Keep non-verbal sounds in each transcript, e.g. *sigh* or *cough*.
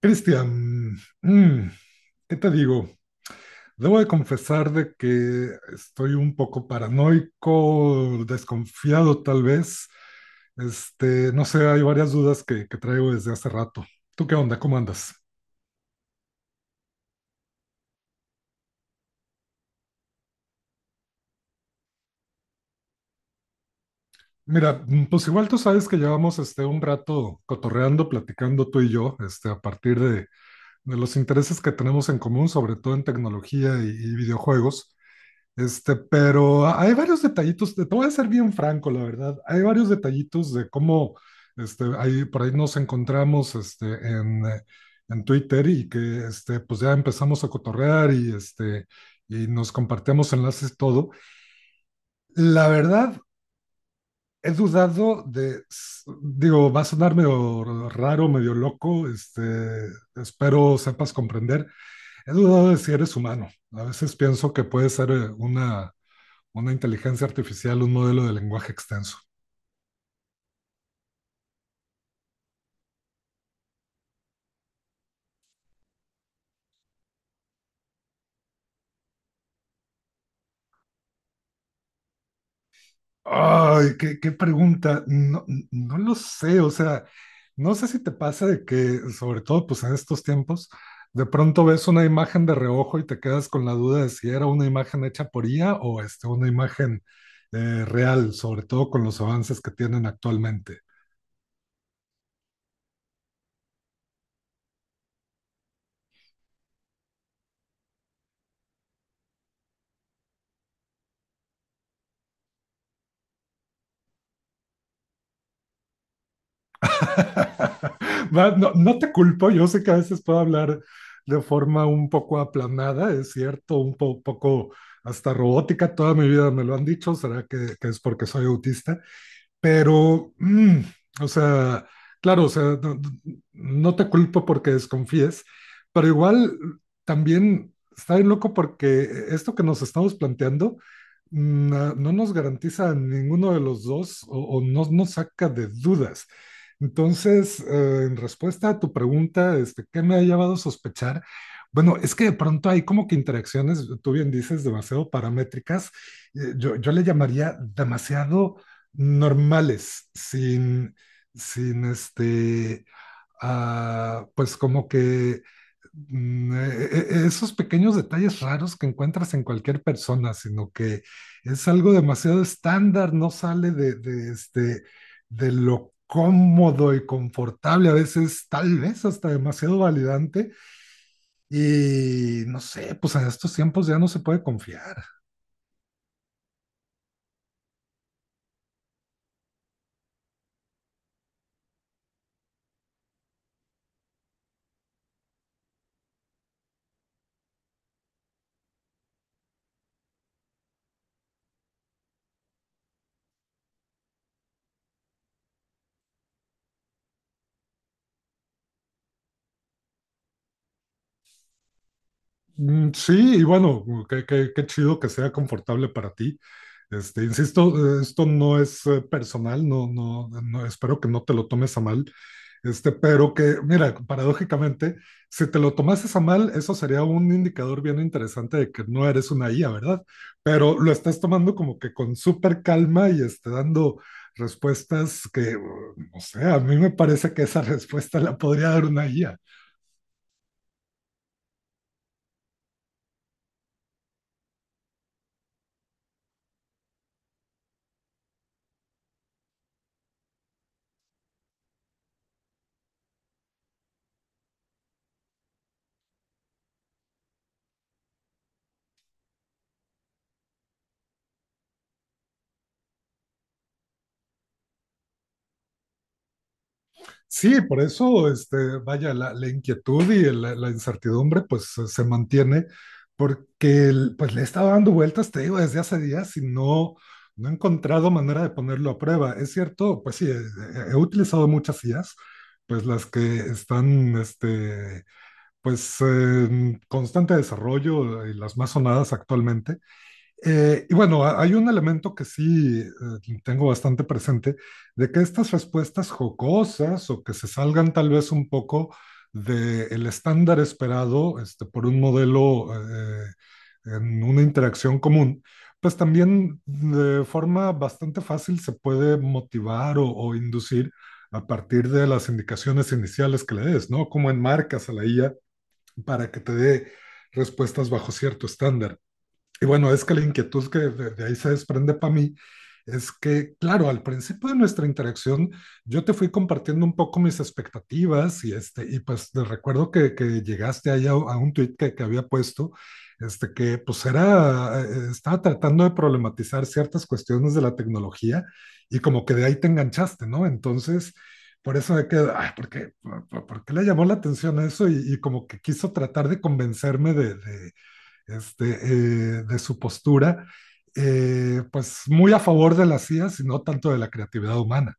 Cristian, mm, ¿qué te digo? Debo de confesar de que estoy un poco paranoico, desconfiado tal vez. No sé, hay varias dudas que traigo desde hace rato. ¿Tú qué onda? ¿Cómo andas? Mira, pues igual tú sabes que llevamos este, un rato cotorreando, platicando tú y yo, este, a partir de los intereses que tenemos en común, sobre todo en tecnología y videojuegos. Este, pero hay varios detallitos, te voy a ser bien franco, la verdad. Hay varios detallitos de cómo, este, ahí, por ahí nos encontramos, este, en Twitter y que, este, pues ya empezamos a cotorrear y, este, y nos compartíamos enlaces y todo. La verdad, he dudado de, digo, va a sonar medio raro, medio loco, este, espero sepas comprender. He dudado de si eres humano. A veces pienso que puede ser una inteligencia artificial, un modelo de lenguaje extenso. Ay, qué pregunta. No, no lo sé, o sea, no sé si te pasa de que, sobre todo pues en estos tiempos, de pronto ves una imagen de reojo y te quedas con la duda de si era una imagen hecha por IA o este, una imagen real, sobre todo con los avances que tienen actualmente. *laughs* No, no te culpo, yo sé que a veces puedo hablar de forma un poco aplanada, es cierto, un poco hasta robótica, toda mi vida me lo han dicho, será que es porque soy autista, pero, o sea, claro, o sea, no, no te culpo porque desconfíes, pero igual también está bien loco porque esto que nos estamos planteando no, no nos garantiza a ninguno de los dos o no nos saca de dudas. Entonces, en respuesta a tu pregunta, este, ¿qué me ha llevado a sospechar? Bueno, es que de pronto hay como que interacciones, tú bien dices, demasiado paramétricas. Yo le llamaría demasiado normales, sin, sin este, ah, pues como que mm, e- esos pequeños detalles raros que encuentras en cualquier persona, sino que es algo demasiado estándar, no sale de, este, de lo cómodo y confortable, a veces tal vez hasta demasiado validante, y no sé, pues en estos tiempos ya no se puede confiar. Sí, y bueno, qué, qué chido que sea confortable para ti. Este, insisto, esto no es personal, no, no, no, espero que no te lo tomes a mal. Este, pero que, mira, paradójicamente, si te lo tomases a mal, eso sería un indicador bien interesante de que no eres una IA, ¿verdad? Pero lo estás tomando como que con súper calma y este, dando respuestas que, no sé, a mí me parece que esa *laughs* respuesta la podría dar una IA. Sí, por eso, este, vaya, la inquietud y la incertidumbre, pues se mantiene, porque pues le he estado dando vueltas, te digo, desde hace días y no, no he encontrado manera de ponerlo a prueba. Es cierto, pues sí, he utilizado muchas IAs, pues las que están, este, pues en constante desarrollo y las más sonadas actualmente y bueno, hay un elemento que sí tengo bastante presente, de que estas respuestas jocosas o que se salgan tal vez un poco del estándar esperado este, por un modelo en una interacción común, pues también de forma bastante fácil se puede motivar o inducir a partir de las indicaciones iniciales que le des, ¿no? Cómo enmarcas a la IA para que te dé respuestas bajo cierto estándar. Y bueno, es que la inquietud que de ahí se desprende para mí es que, claro, al principio de nuestra interacción yo te fui compartiendo un poco mis expectativas y, este, y pues te recuerdo que llegaste ahí a un tuit que, había puesto, este, que pues era, estaba tratando de problematizar ciertas cuestiones de la tecnología y como que de ahí te enganchaste, ¿no? Entonces, por eso de que, ay, ¿por qué, por qué le llamó la atención eso? Y, como que quiso tratar de convencerme de este, de su postura, pues muy a favor de la CIA, sino tanto de la creatividad humana.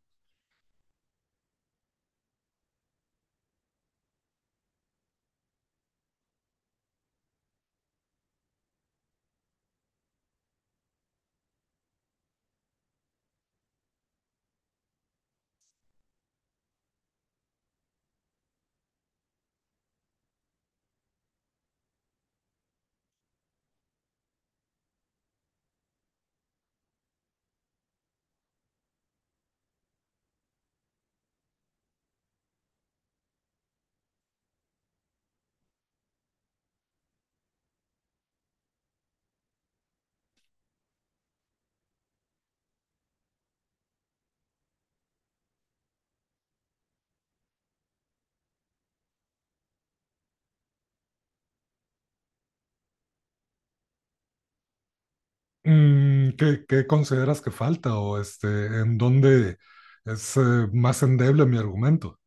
¿Qué, qué consideras que falta o este, en dónde es más endeble mi argumento?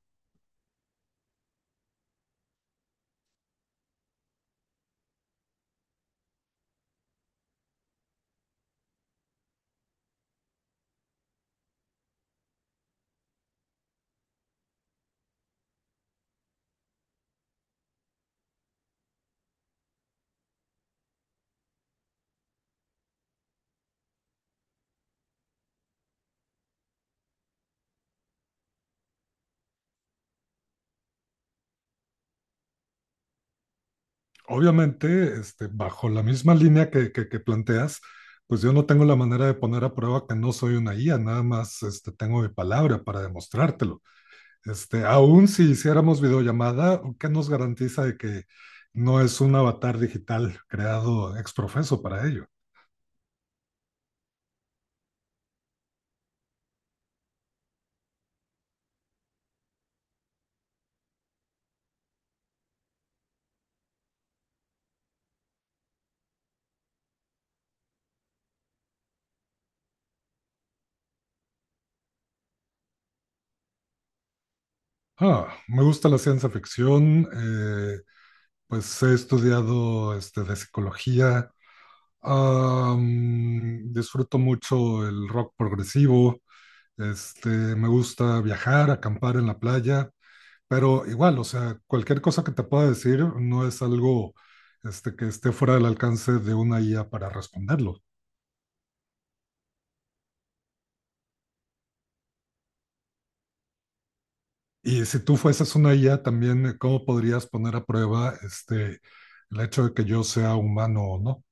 Obviamente, este, bajo la misma línea que planteas, pues yo no tengo la manera de poner a prueba que no soy una guía, nada más este, tengo mi palabra para demostrártelo. Este, aún si hiciéramos videollamada, ¿qué nos garantiza de que no es un avatar digital creado ex profeso para ello? Ah, me gusta la ciencia ficción, pues he estudiado este, de psicología, disfruto mucho el rock progresivo, este, me gusta viajar, acampar en la playa, pero igual, o sea, cualquier cosa que te pueda decir no es algo este, que esté fuera del alcance de una IA para responderlo. Y si tú fueses una IA también, ¿cómo podrías poner a prueba este, el hecho de que yo sea humano o no?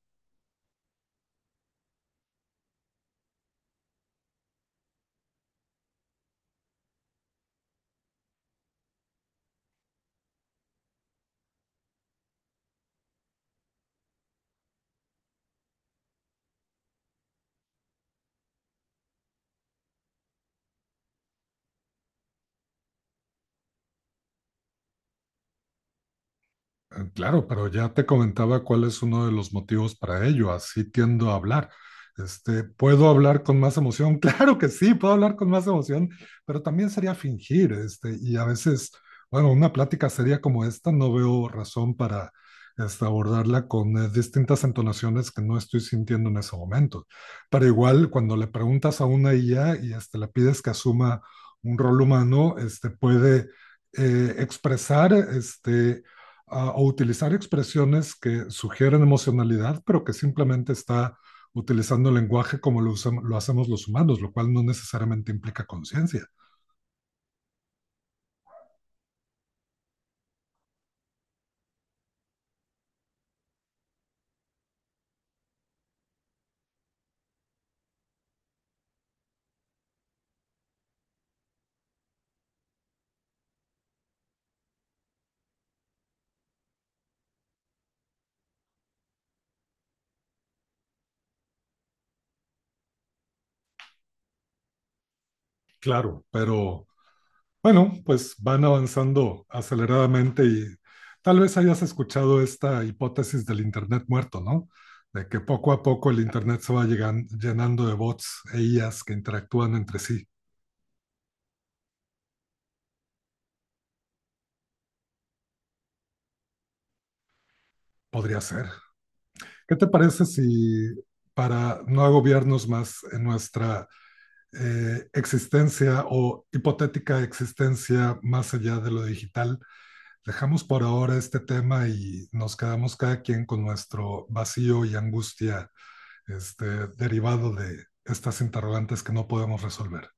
Claro, pero ya te comentaba cuál es uno de los motivos para ello. Así tiendo a hablar. Este, ¿puedo hablar con más emoción? *laughs* Claro que sí, puedo hablar con más emoción, pero también sería fingir, este, y a veces, bueno, una plática seria como esta, no veo razón para este, abordarla con distintas entonaciones que no estoy sintiendo en ese momento. Pero igual, cuando le preguntas a una IA y este, le pides que asuma un rol humano, este, puede expresar este, a utilizar expresiones que sugieren emocionalidad, pero que simplemente está utilizando el lenguaje como lo, lo hacemos los humanos, lo cual no necesariamente implica conciencia. Claro, pero bueno, pues van avanzando aceleradamente y tal vez hayas escuchado esta hipótesis del Internet muerto, ¿no? De que poco a poco el Internet se va llenando de bots e IAs que interactúan entre sí. Podría ser. ¿Qué te parece si para no agobiarnos más en nuestra existencia o hipotética existencia más allá de lo digital, dejamos por ahora este tema y nos quedamos cada quien con nuestro vacío y angustia? Este, derivado de estas interrogantes que no podemos resolver.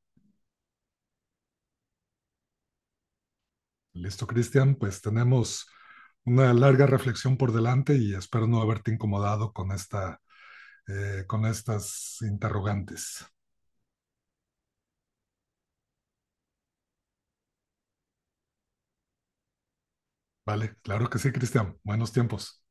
Listo, Cristian, pues tenemos una larga reflexión por delante y espero no haberte incomodado con, esta, con estas interrogantes. Vale, claro que sí, Cristian. Buenos tiempos.